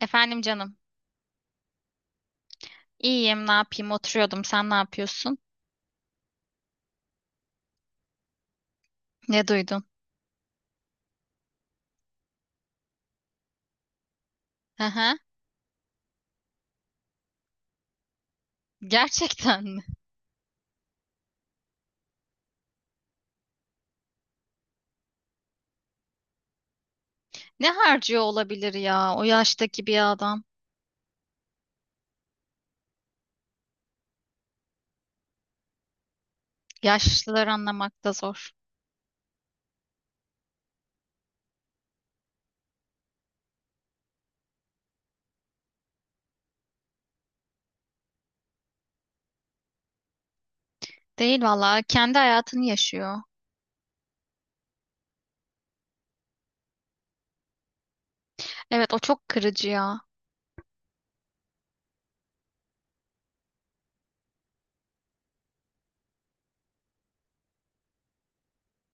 Efendim canım. İyiyim, ne yapayım? Oturuyordum. Sen ne yapıyorsun? Ne duydun? Aha, gerçekten mi? Ne harcıyor olabilir ya o yaştaki bir adam? Yaşlıları anlamak da zor. Değil valla. Kendi hayatını yaşıyor. Evet, o çok kırıcı ya.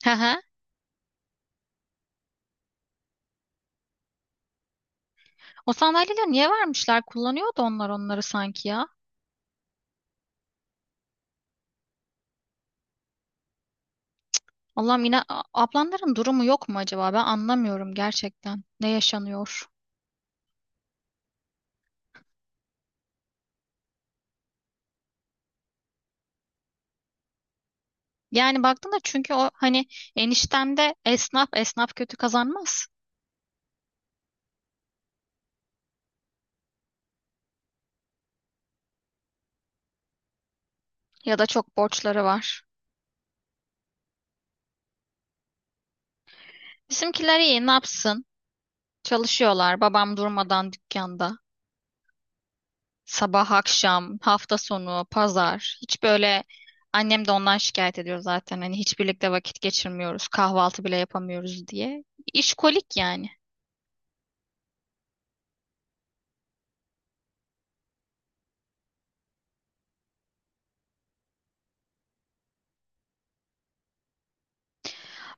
Aha. O sandalyeleri niye vermişler? Kullanıyordu onlar onları sanki ya. Allah'ım yine ablanların durumu yok mu acaba? Ben anlamıyorum gerçekten. Ne yaşanıyor? Yani baktığında çünkü o hani enişten de esnaf esnaf kötü kazanmaz. Ya da çok borçları var. Bizimkiler iyi, ne yapsın? Çalışıyorlar. Babam durmadan dükkanda. Sabah, akşam, hafta sonu, pazar. Hiç böyle annem de ondan şikayet ediyor zaten. Hani hiç birlikte vakit geçirmiyoruz. Kahvaltı bile yapamıyoruz diye. İşkolik yani.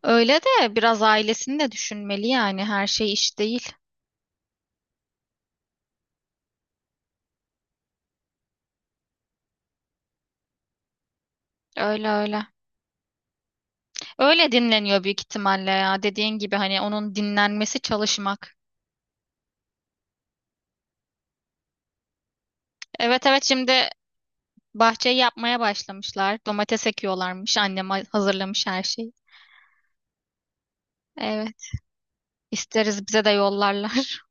Öyle de biraz ailesini de düşünmeli yani. Her şey iş değil. Öyle öyle. Öyle dinleniyor büyük ihtimalle ya. Dediğin gibi hani onun dinlenmesi çalışmak. Evet evet, şimdi bahçeyi yapmaya başlamışlar. Domates ekiyorlarmış. Annem hazırlamış her şeyi. Evet. isteriz bize de yollarlar.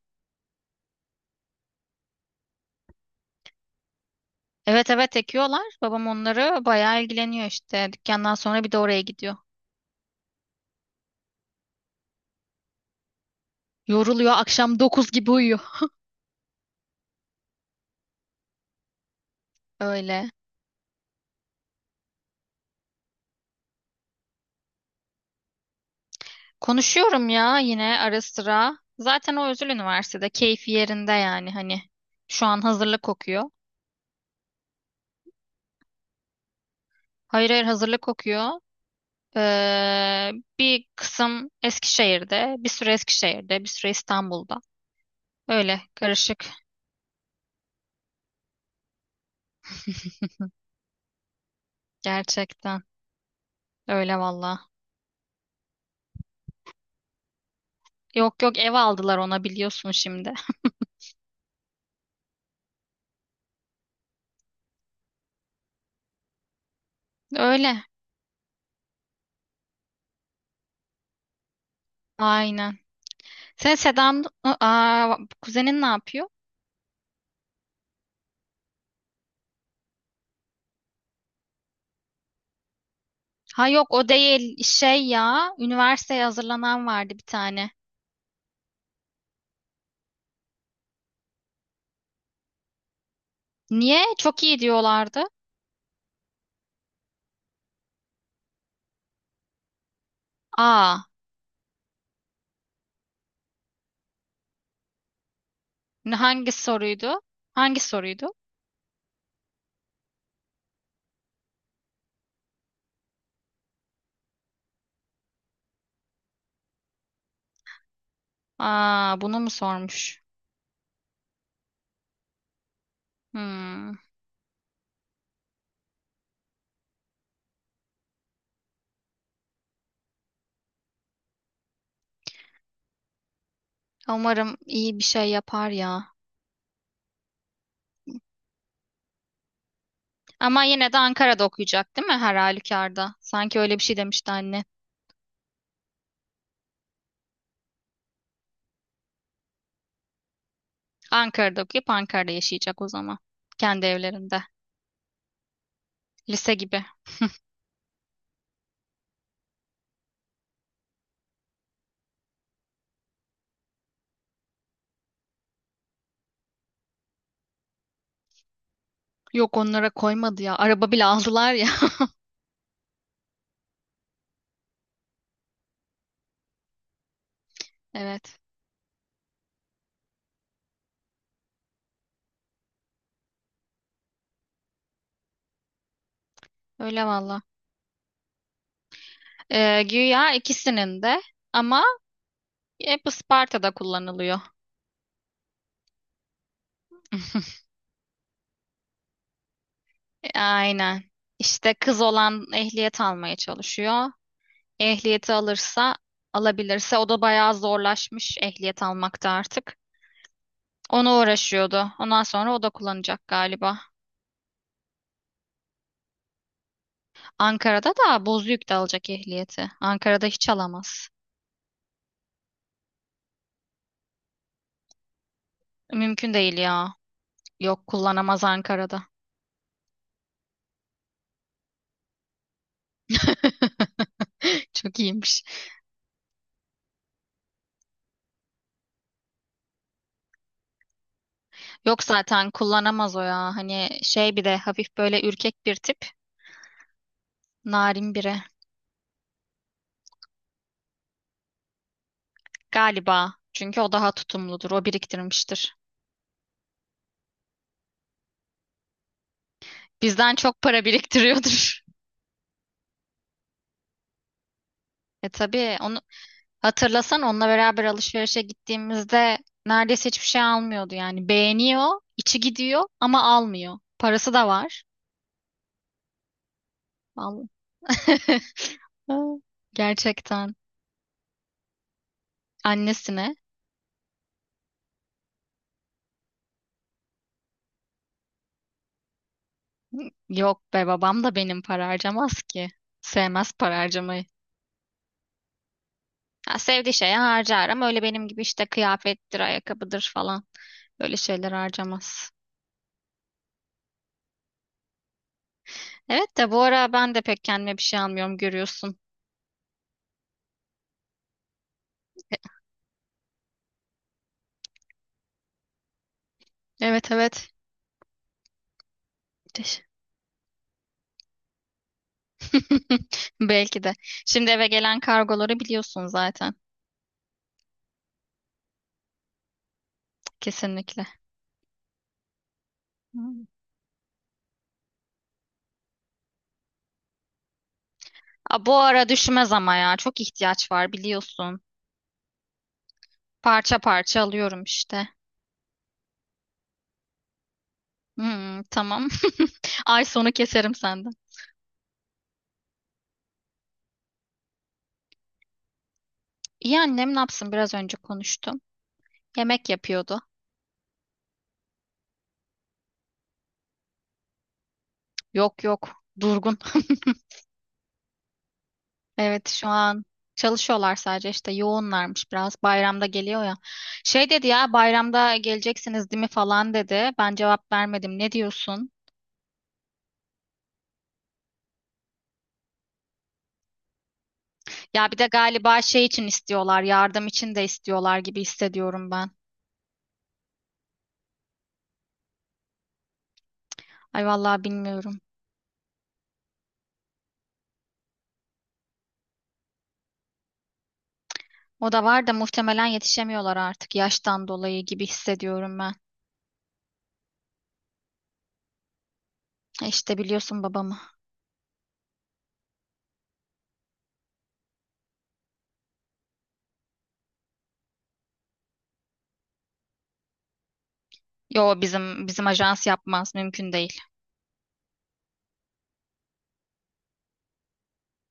Evet evet, ekiyorlar. Babam onları bayağı ilgileniyor işte. Dükkandan sonra bir de oraya gidiyor. Yoruluyor. Akşam 9 gibi uyuyor. Öyle. Konuşuyorum ya yine ara sıra. Zaten o özel üniversitede. Keyfi yerinde yani hani. Şu an hazırlık kokuyor. Hayır hayır, hazırlık kokuyor. Ee, Bir kısım Eskişehir'de, bir süre Eskişehir'de, bir süre İstanbul'da. Öyle karışık. Gerçekten öyle valla. Yok yok, ev aldılar ona, biliyorsun şimdi. Öyle. Aynen. Sen kuzenin ne yapıyor? Ha yok, o değil, şey ya, üniversiteye hazırlanan vardı bir tane. Niye? Çok iyi diyorlardı. Aa Hangi soruydu? Hangi soruydu? Aa, bunu mu sormuş? Hmm. Umarım iyi bir şey yapar ya. Ama yine de Ankara'da okuyacak değil mi her halükarda? Sanki öyle bir şey demişti anne. Ankara'da okuyup Ankara'da yaşayacak o zaman. Kendi evlerinde. Lise gibi. Yok, onlara koymadı ya. Araba bile aldılar ya. Evet. Öyle valla. Güya ikisinin de, ama hep Isparta'da kullanılıyor. Aynen. İşte kız olan ehliyet almaya çalışıyor. Ehliyeti alırsa, alabilirse, o da bayağı zorlaşmış ehliyet almakta artık. Ona uğraşıyordu. Ondan sonra o da kullanacak galiba. Ankara'da da Bozüyük'te alacak ehliyeti. Ankara'da hiç alamaz. Mümkün değil ya. Yok, kullanamaz Ankara'da. Çok iyiymiş. Yok, zaten kullanamaz o ya. Hani şey, bir de hafif böyle ürkek bir tip. Narin biri. Galiba. Çünkü o daha tutumludur. O biriktirmiştir. Bizden çok para biriktiriyordur. Tabii, onu hatırlasan, onunla beraber alışverişe gittiğimizde neredeyse hiçbir şey almıyordu yani. Beğeniyor, içi gidiyor, ama almıyor. Parası da var. Vallahi. Gerçekten. Annesine. Yok be, babam da benim para harcamaz ki. Sevmez para harcamayı. Ha, sevdiği şeye harcar ama öyle benim gibi işte, kıyafettir, ayakkabıdır falan. Öyle şeyler harcamaz. Evet de bu ara ben de pek kendime bir şey almıyorum, görüyorsun. Evet evet. Teş- Belki de. Şimdi eve gelen kargoları biliyorsun zaten. Kesinlikle. Hmm. Aa, bu ara düşmez ama ya. Çok ihtiyaç var, biliyorsun. Parça parça alıyorum işte. Hmm, tamam. Ay sonu keserim senden. İyi, annem ne yapsın, biraz önce konuştum. Yemek yapıyordu. Yok yok, durgun. Evet, şu an çalışıyorlar sadece, işte yoğunlarmış biraz. Bayramda geliyor ya. Şey dedi ya, bayramda geleceksiniz değil mi falan dedi. Ben cevap vermedim. Ne diyorsun? Ya bir de galiba şey için istiyorlar. Yardım için de istiyorlar gibi hissediyorum ben. Ay vallahi bilmiyorum. O da var da, muhtemelen yetişemiyorlar artık yaştan dolayı gibi hissediyorum ben. İşte, biliyorsun babamı. Yo, bizim ajans yapmaz, mümkün değil.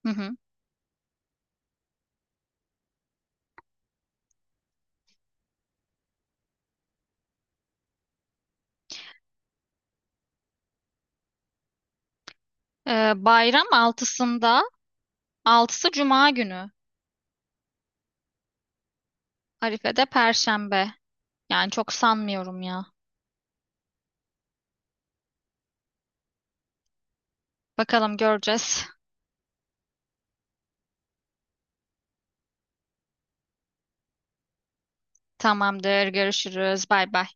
Hı hı. Bayram 6'sında, 6'sı Cuma günü. Arife'de Perşembe. Yani çok sanmıyorum ya. Bakalım, göreceğiz. Tamamdır, görüşürüz. Bay bay.